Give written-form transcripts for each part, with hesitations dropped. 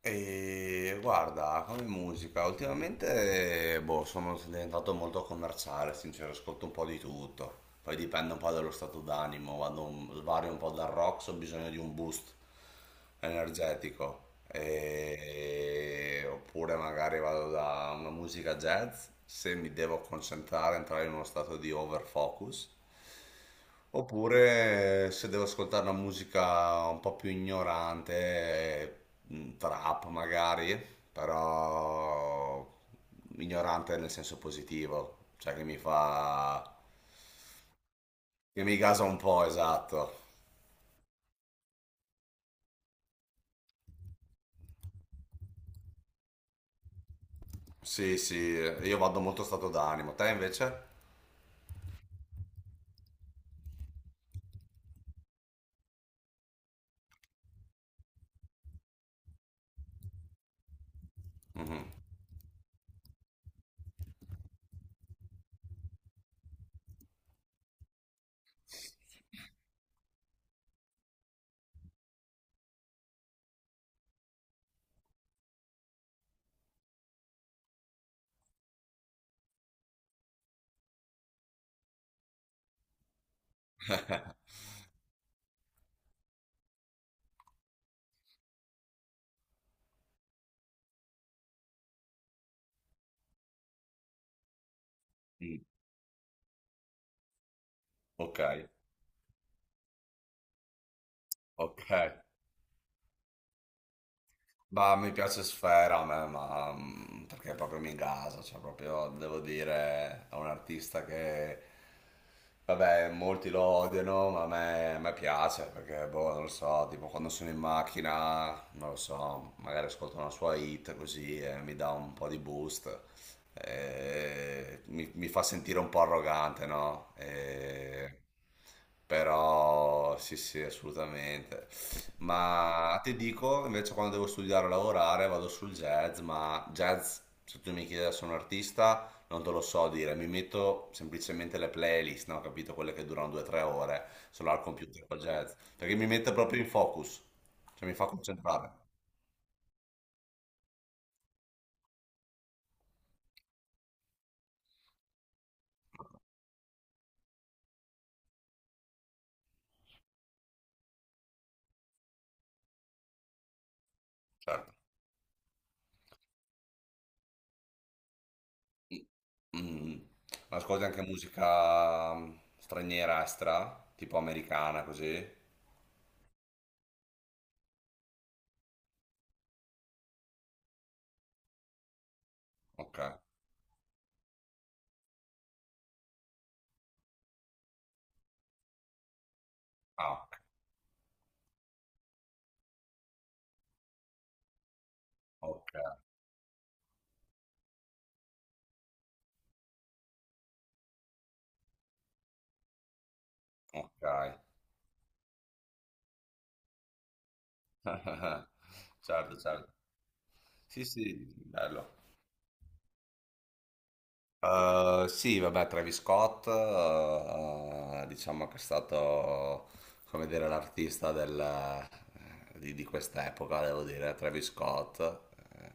Guarda, come musica, ultimamente sono diventato molto commerciale, sincero, ascolto un po' di tutto. Poi dipende un po' dallo stato d'animo, vario un po' dal rock se ho bisogno di un boost energetico. Oppure magari vado da una musica jazz se mi devo concentrare, entrare in uno stato di overfocus. Oppure se devo ascoltare una musica un po' più ignorante, trap magari, però ignorante nel senso positivo, cioè che mi fa... che mi gasa un po', esatto. Sì, sì, io vado molto stato d'animo. Te invece? Mhm. Mm. Ok, ok. Bah, mi piace Sfera a me, ma perché proprio mi gasa, cioè proprio devo dire, è un artista che, vabbè, molti lo odiano, ma a me piace perché, boh, non lo so, tipo quando sono in macchina, non lo so, magari ascolto una sua hit così e mi dà un po' di boost, mi fa sentire un po' arrogante, no? Però sì, sì, assolutamente. Ma ti dico, invece quando devo studiare o lavorare vado sul jazz, ma jazz, se tu mi chiedi se sono un artista, non te lo so dire, mi metto semplicemente le playlist, no? Capito? Quelle che durano 2-3 ore, solo al computer con jazz, perché mi mette proprio in focus, cioè mi fa concentrare, certo. Mm. Ascolti anche musica straniera, extra, tipo americana, così? Ok. Ah, ok, ok. ok. Certo, certo. Sì, sì, bello. Sì, vabbè, Travis Scott, diciamo che è stato, come dire, l'artista di quest'epoca, devo dire, Travis Scott, eh,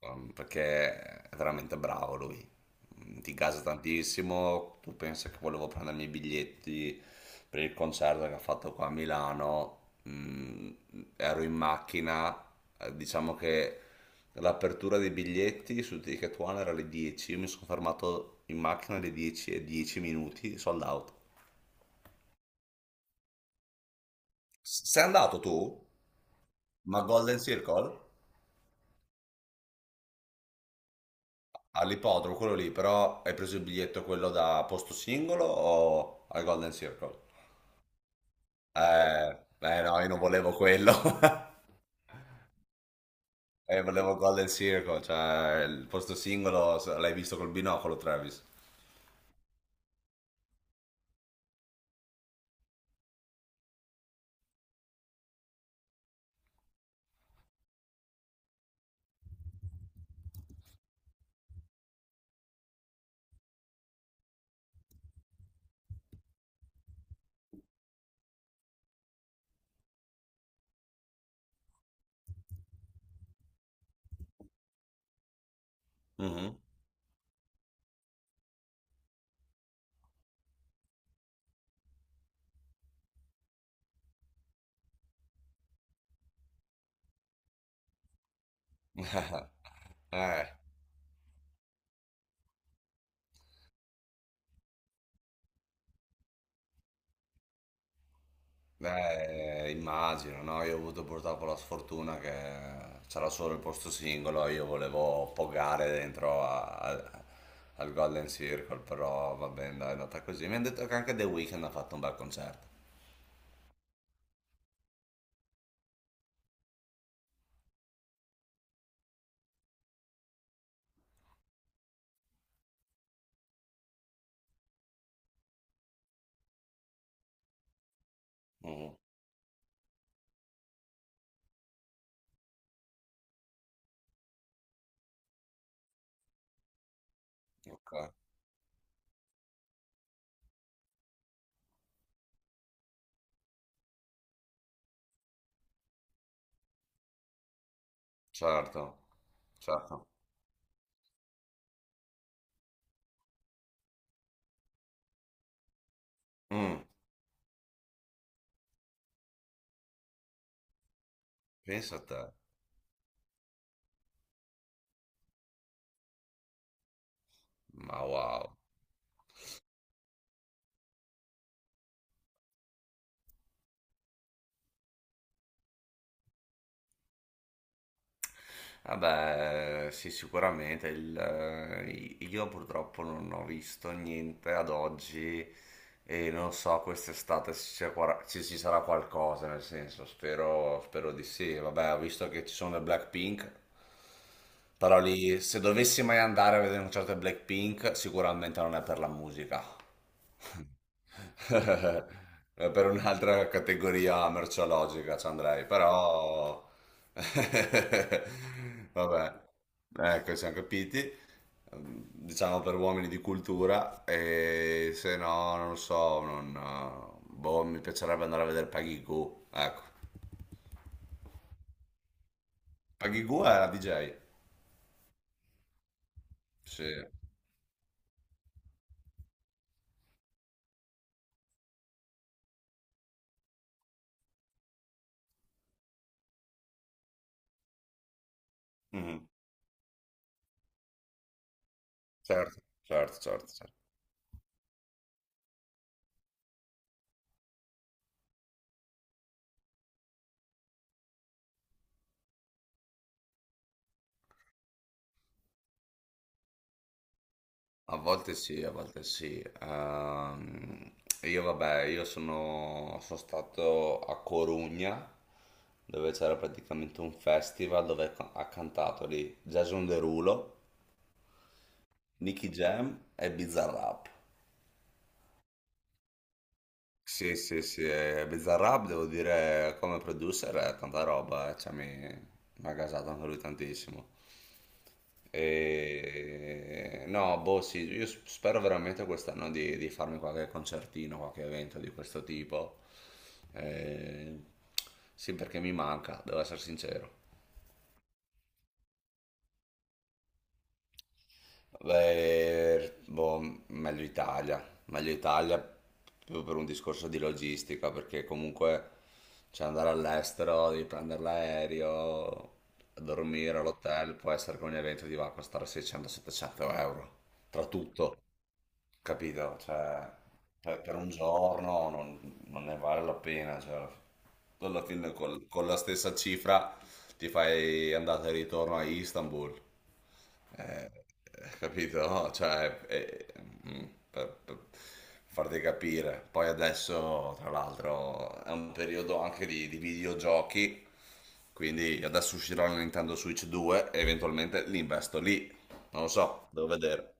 ehm, perché è veramente bravo lui. Mm. Ti gasa tantissimo, tu pensa che volevo prendermi i biglietti per il concerto che ha fatto qua a Milano, mm, ero in macchina, diciamo che... L'apertura dei biglietti su Ticket One era alle 10, io mi sono fermato in macchina alle 10 e 10 minuti, sold out. Sei andato tu? Ma a Golden Circle? All'ippodromo, quello lì, però hai preso il biglietto quello da posto singolo o al Golden Circle? Eh, eh no, io non volevo quello. Volevo il Golden Circle, cioè il posto singolo l'hai visto col binocolo, Travis. Mhm. Eh, Beh, immagino, no? Io ho avuto purtroppo la sfortuna che c'era solo il posto singolo, io volevo poggare dentro al Golden Circle, però va bene, dai, è andata così. Mi hanno detto che anche The Weeknd ha fatto un bel concerto. Mm, ok, certo, certo. Mm, pensa a te, ma wow. Vabbè, sì, sicuramente. Io purtroppo non ho visto niente ad oggi e non so quest'estate se c'è quara- se ci sarà qualcosa, nel senso, spero, spero di sì. Vabbè, ho visto che ci sono le Blackpink. Però lì, se dovessi mai andare a vedere un concerto di Blackpink, sicuramente non è per la musica. È per un'altra categoria merceologica ci andrei, però... Vabbè, ecco, siamo capiti. Diciamo per uomini di cultura, e se no, non lo so, non... Boh, mi piacerebbe andare a vedere Peggy Goo, ecco. Peggy Goo è la DJ. Sì. Mhm. Certo, certo, certo, certo. A volte sì, a volte sì. Io vabbè, sono stato a Corugna, dove c'era praticamente un festival dove ha cantato lì Jason Derulo, Nicky Jam e Bizarrap. Sì, sì, sì, e Bizarrap devo dire come producer è tanta roba, cioè mi ha gasato anche lui tantissimo. E... No, boh, sì, io spero veramente quest'anno di farmi qualche concertino, qualche evento di questo tipo. Eh, Sì, perché mi manca, devo essere sincero. Beh, boh, meglio Italia più per un discorso di logistica, perché comunque cioè, andare all'estero, devi prendere l'aereo, dormire all'hotel, può essere che un evento ti va a costare 600-700 euro, tra tutto. Capito? Cioè, per un giorno non, non ne vale la pena. Cioè, alla fine con la stessa cifra ti fai andata e ritorno a Istanbul. Eh, capito? Cioè, mm, per farti capire. Poi adesso, tra l'altro, è un periodo anche di videogiochi, quindi adesso uscirà la Nintendo Switch 2 e eventualmente li investo lì. Non lo so, devo vedere.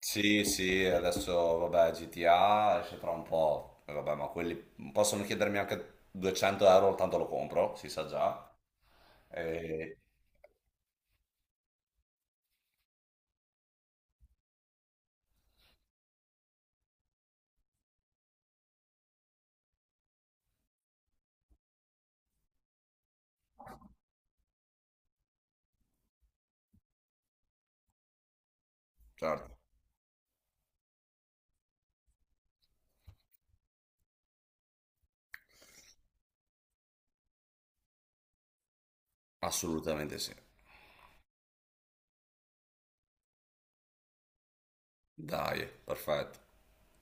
Sì, sì, adesso vabbè, GTA esce tra un po', e vabbè, ma quelli possono chiedermi anche 200 euro, tanto lo compro, si sa già. E... Certo, assolutamente sì. Dai, perfetto.